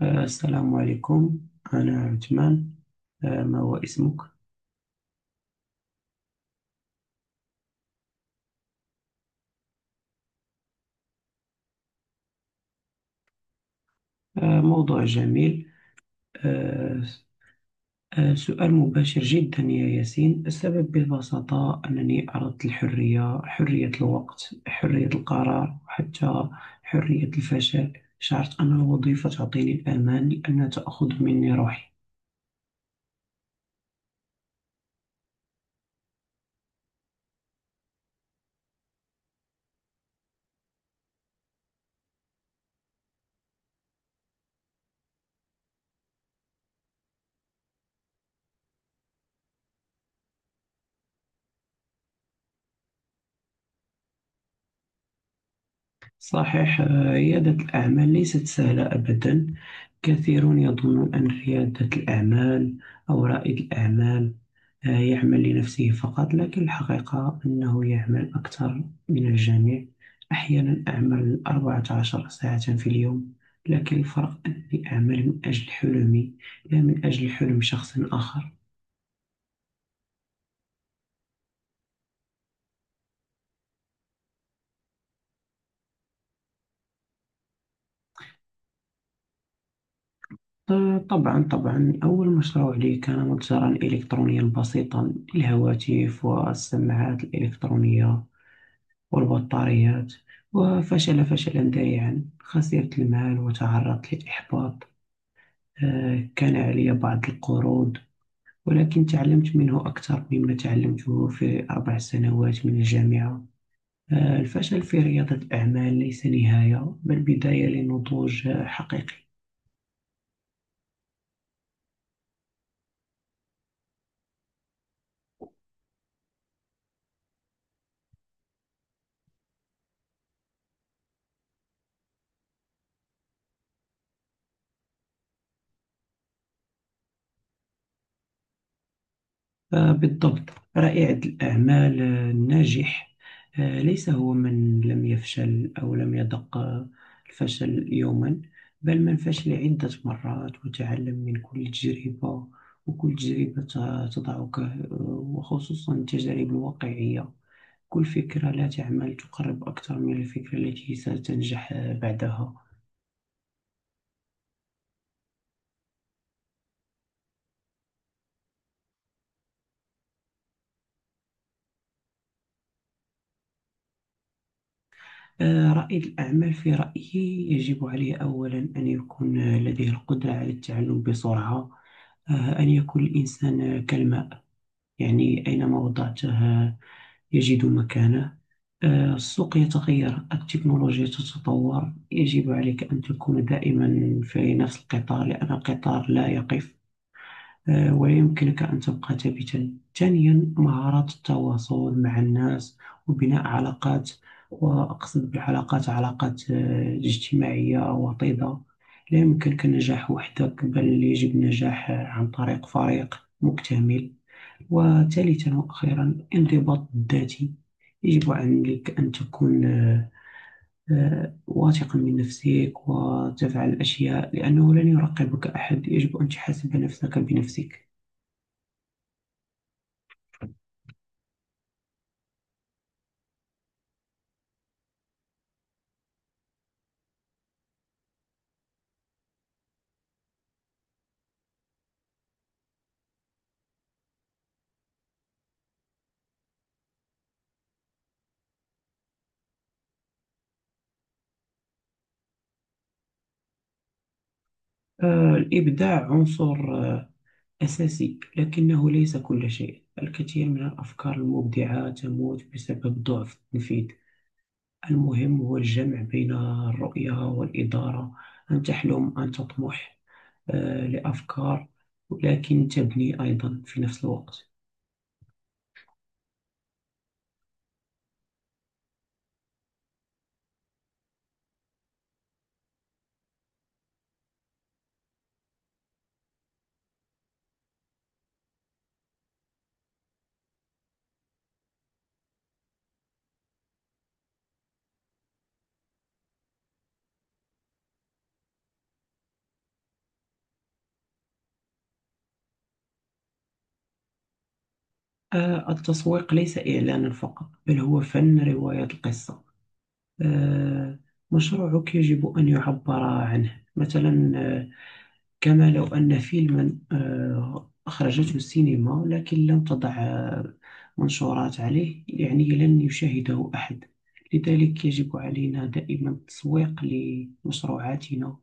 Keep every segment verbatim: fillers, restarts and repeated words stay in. آه، السلام عليكم. أنا عثمان. آه، ما هو اسمك؟ آه، موضوع جميل. آه، آه، سؤال مباشر جدا يا ياسين. السبب ببساطة أنني أردت الحرية، حرية الوقت، حرية القرار، وحتى حرية الفشل. شعرت أن الوظيفة تعطيني الأمان لأنها تأخذ مني روحي. صحيح، آه، ريادة الأعمال ليست سهلة أبدا. كثيرون يظنون أن ريادة الأعمال أو رائد الأعمال آه، يعمل لنفسه فقط، لكن الحقيقة أنه يعمل أكثر من الجميع. أحيانا أعمل أربعة عشر ساعة في اليوم، لكن الفرق أني أعمل من أجل حلمي، لا من أجل حلم شخص آخر. آه، طبعا طبعا، أول مشروع لي كان متجرا إلكترونيا بسيطا للهواتف والسماعات الإلكترونية والبطاريات، وفشل فشلا ذريعا. خسرت المال وتعرضت للإحباط. آه، كان علي بعض القروض، ولكن تعلمت منه أكثر مما تعلمته في أربع سنوات من الجامعة. آه، الفشل في ريادة الأعمال ليس نهاية، بل بداية لنضوج آه، حقيقي. آه، بالضبط. رائد الأعمال آه، الناجح آه، ليس هو من لم يفشل أو لم يذق آه، الفشل يوما، بل من فشل عدة مرات وتعلم من كل تجربة. وكل تجربة ت- تضعك آه، وخصوصا التجارب الواقعية. كل فكرة لا تعمل تقرب أكثر من الفكرة التي ستنجح آه، بعدها. آه، رائد الأعمال في رأيي يجب عليه أولا أن يكون آه، لديه القدرة على التعلم بسرعة. آه، أن يكون الإنسان آه، كالماء، يعني أينما وضعته آه، يجد مكانه. آه، السوق يتغير، التكنولوجيا تتطور، يجب عليك أن تكون دائما في نفس القطار لأن القطار لا يقف آه، ويمكنك أن تبقى ثابتا. ثانيا، مهارة التواصل مع الناس وبناء علاقات، وأقصد بعلاقات علاقات آه، اجتماعية وطيدة. لا يمكنك النجاح وحدك، بل يجب النجاح آه، عن طريق فريق مكتمل. وثالثا وأخيرا، انضباط ذاتي. يجب عليك أن تكون آه، آه، واثقا من نفسك وتفعل الأشياء، لأنه لن يراقبك أحد. يجب أن تحاسب نفسك بنفسك. آه، الإبداع عنصر آه، أساسي، لكنه ليس كل شيء. الكثير من الأفكار المبدعة تموت بسبب ضعف التنفيذ. المهم هو الجمع بين الرؤية والإدارة، أن تحلم، أن تطمح آه، لأفكار، ولكن تبني أيضا في نفس الوقت. آه، التسويق ليس إعلانا فقط، بل هو فن رواية القصة. آه، مشروعك يجب أن يعبر عنه. مثلا آه، كما لو أن فيلما آه، أخرجته السينما، لكن لم تضع آه، منشورات عليه، يعني لن يشاهده أحد. لذلك يجب علينا دائما التسويق لمشروعاتنا،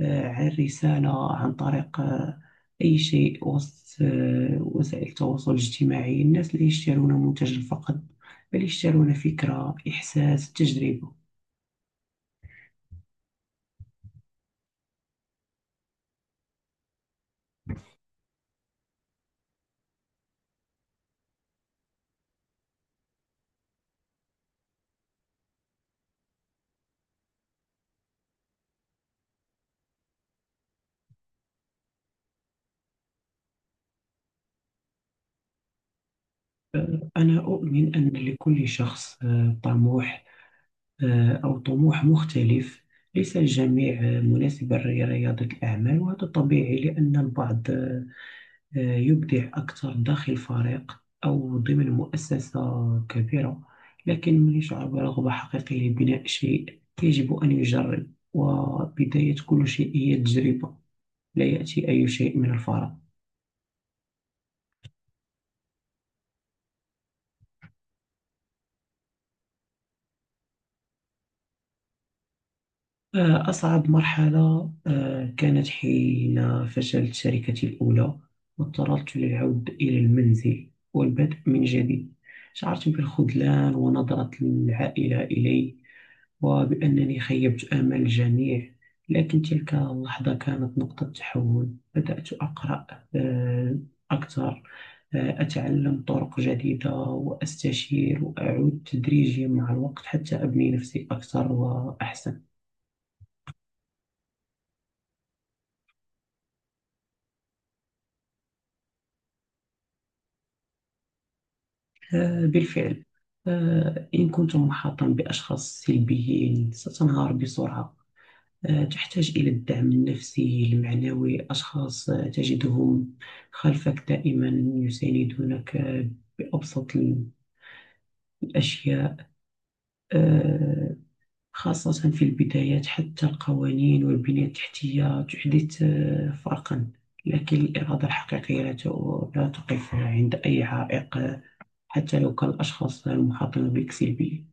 آه، عن رسالة، عن طريق آه، أي شيء، وسط آه، وسائل التواصل الاجتماعي. الناس لا يشترون منتجا فقط، بل يشترون فكرة، إحساس، تجربة. أنا أؤمن أن لكل شخص آه، طموح آه، أو طموح مختلف. ليس الجميع آه، مناسبا لرياضة الأعمال، وهذا طبيعي لأن البعض آه، آه، يبدع أكثر داخل فريق أو ضمن مؤسسة كبيرة. لكن من يشعر برغبة حقيقية لبناء شيء يجب أن يجرب، وبداية كل شيء هي التجربة. لا يأتي أي شيء من الفراغ. آه، أصعب مرحلة آه، كانت حين فشلت شركتي الأولى واضطررت للعود إلى المنزل والبدء من جديد. شعرت بالخذلان ونظرة العائلة إلي، وبأنني خيبت آمال الجميع. لكن تلك اللحظة كانت نقطة تحول. بدأت أقرأ آه، أكثر، آه، أتعلم طرق جديدة، وأستشير، وأعود تدريجيا مع الوقت حتى أبني نفسي أكثر وأحسن. آه، بالفعل. آه، إن كنت محاطا بأشخاص سلبيين ستنهار بسرعة. آه، تحتاج إلى الدعم النفسي المعنوي، أشخاص آه، تجدهم خلفك دائما، يساندونك آه، بأبسط الأشياء، آه، خاصة في البدايات. حتى القوانين والبنية التحتية تحدث آه، فرقا، لكن الإرادة الحقيقية لا ت- لا تقف عند أي عائق، آه، حتى لو كان الأشخاص المحاطين بك سلبيين.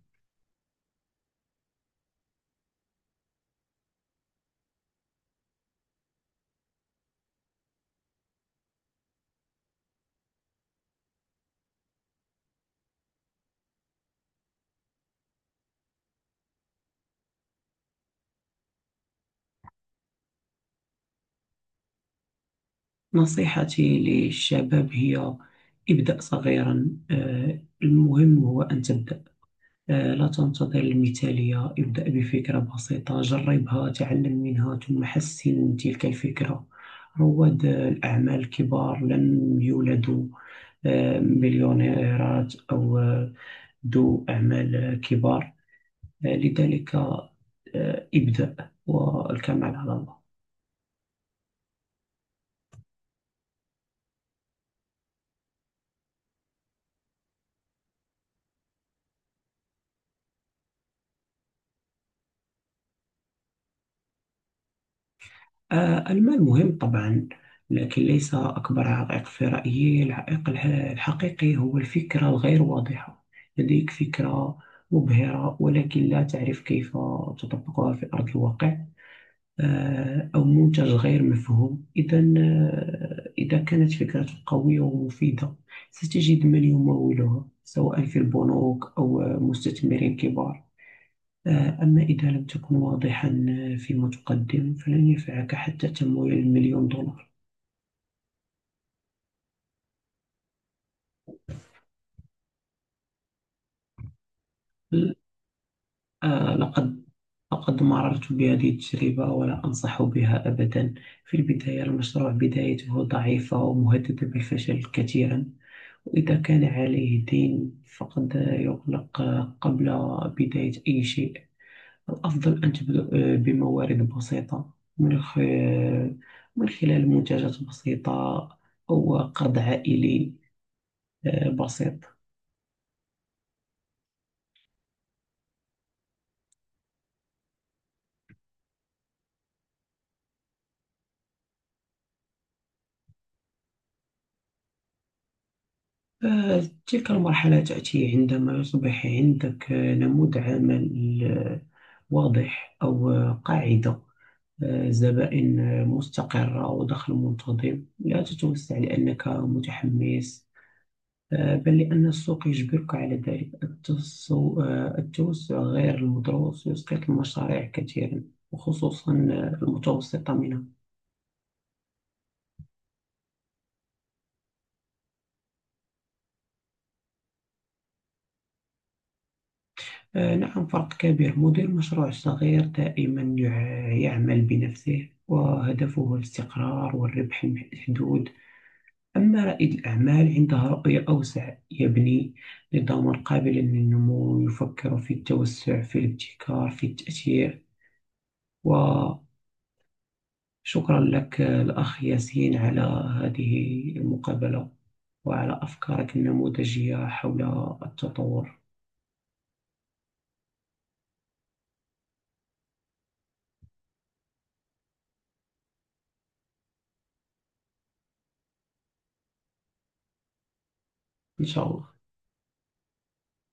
نصيحتي للشباب هي: ابدأ صغيرا. آه، المهم هو أن تبدأ. آه، لا تنتظر المثالية، ابدأ بفكرة بسيطة، جربها، تعلم منها، ثم حسن من تلك الفكرة. رواد آه، الأعمال الكبار لم يولدوا آه، مليونيرات أو آه، ذو أعمال آه، كبار. آه، لذلك آه، ابدأ، والكمال على الله. آه، المال مهم طبعا، لكن ليس أكبر عائق في رأيي. العائق الح- الحقيقي هو الفكرة الغير واضحة. لديك فكرة مبهرة ولكن لا تعرف كيف تطبقها في أرض الواقع، آه، أو منتج غير مفهوم. إذا إذا كانت فكرتك قوية ومفيدة، ستجد من يمولها، سواء في البنوك أو مستثمرين كبار. أما إذا لم تكن واضحا فيما تقدم، فلن ينفعك حتى تمويل المليون دولار. آه، لقد لقد مررت بهذه التجربة ولا أنصح بها أبدا. في البداية المشروع بدايته ضعيفة ومهددة بالفشل كثيرا، وإذا كان عليه دين فقد يغلق قبل بداية أي شيء. الأفضل أن تبدأ بموارد بسيطة، من خ- من خلال منتجات بسيطة، أو قرض عائلي آه، بسيط. آه، تلك المرحلة تأتي عندما يصبح عندك آه، نموذج عمل آه، واضح، أو آه، قاعدة آه، زبائن آه، مستقرة ودخل منتظم. لا تتوسع لأنك متحمس، آه، بل لأن السوق يجبرك على ذلك. التسو- آه، التوسع غير المدروس يسقط المشاريع كثيرا، وخصوصا آه، المتوسطة منها. آه، نعم، فرق كبير. مدير مشروع صغير دائما يع- يعمل بنفسه، وهدفه الاستقرار والربح المحدود. أما رائد الأعمال عنده رؤية أوسع، يبني نظاما قابلا للنمو، يفكر في التوسع، في الابتكار، في التأثير. وشكرا لك آه، الأخ ياسين على هذه المقابلة وعلى أفكارك النموذجية حول التطور. إن شاء الله.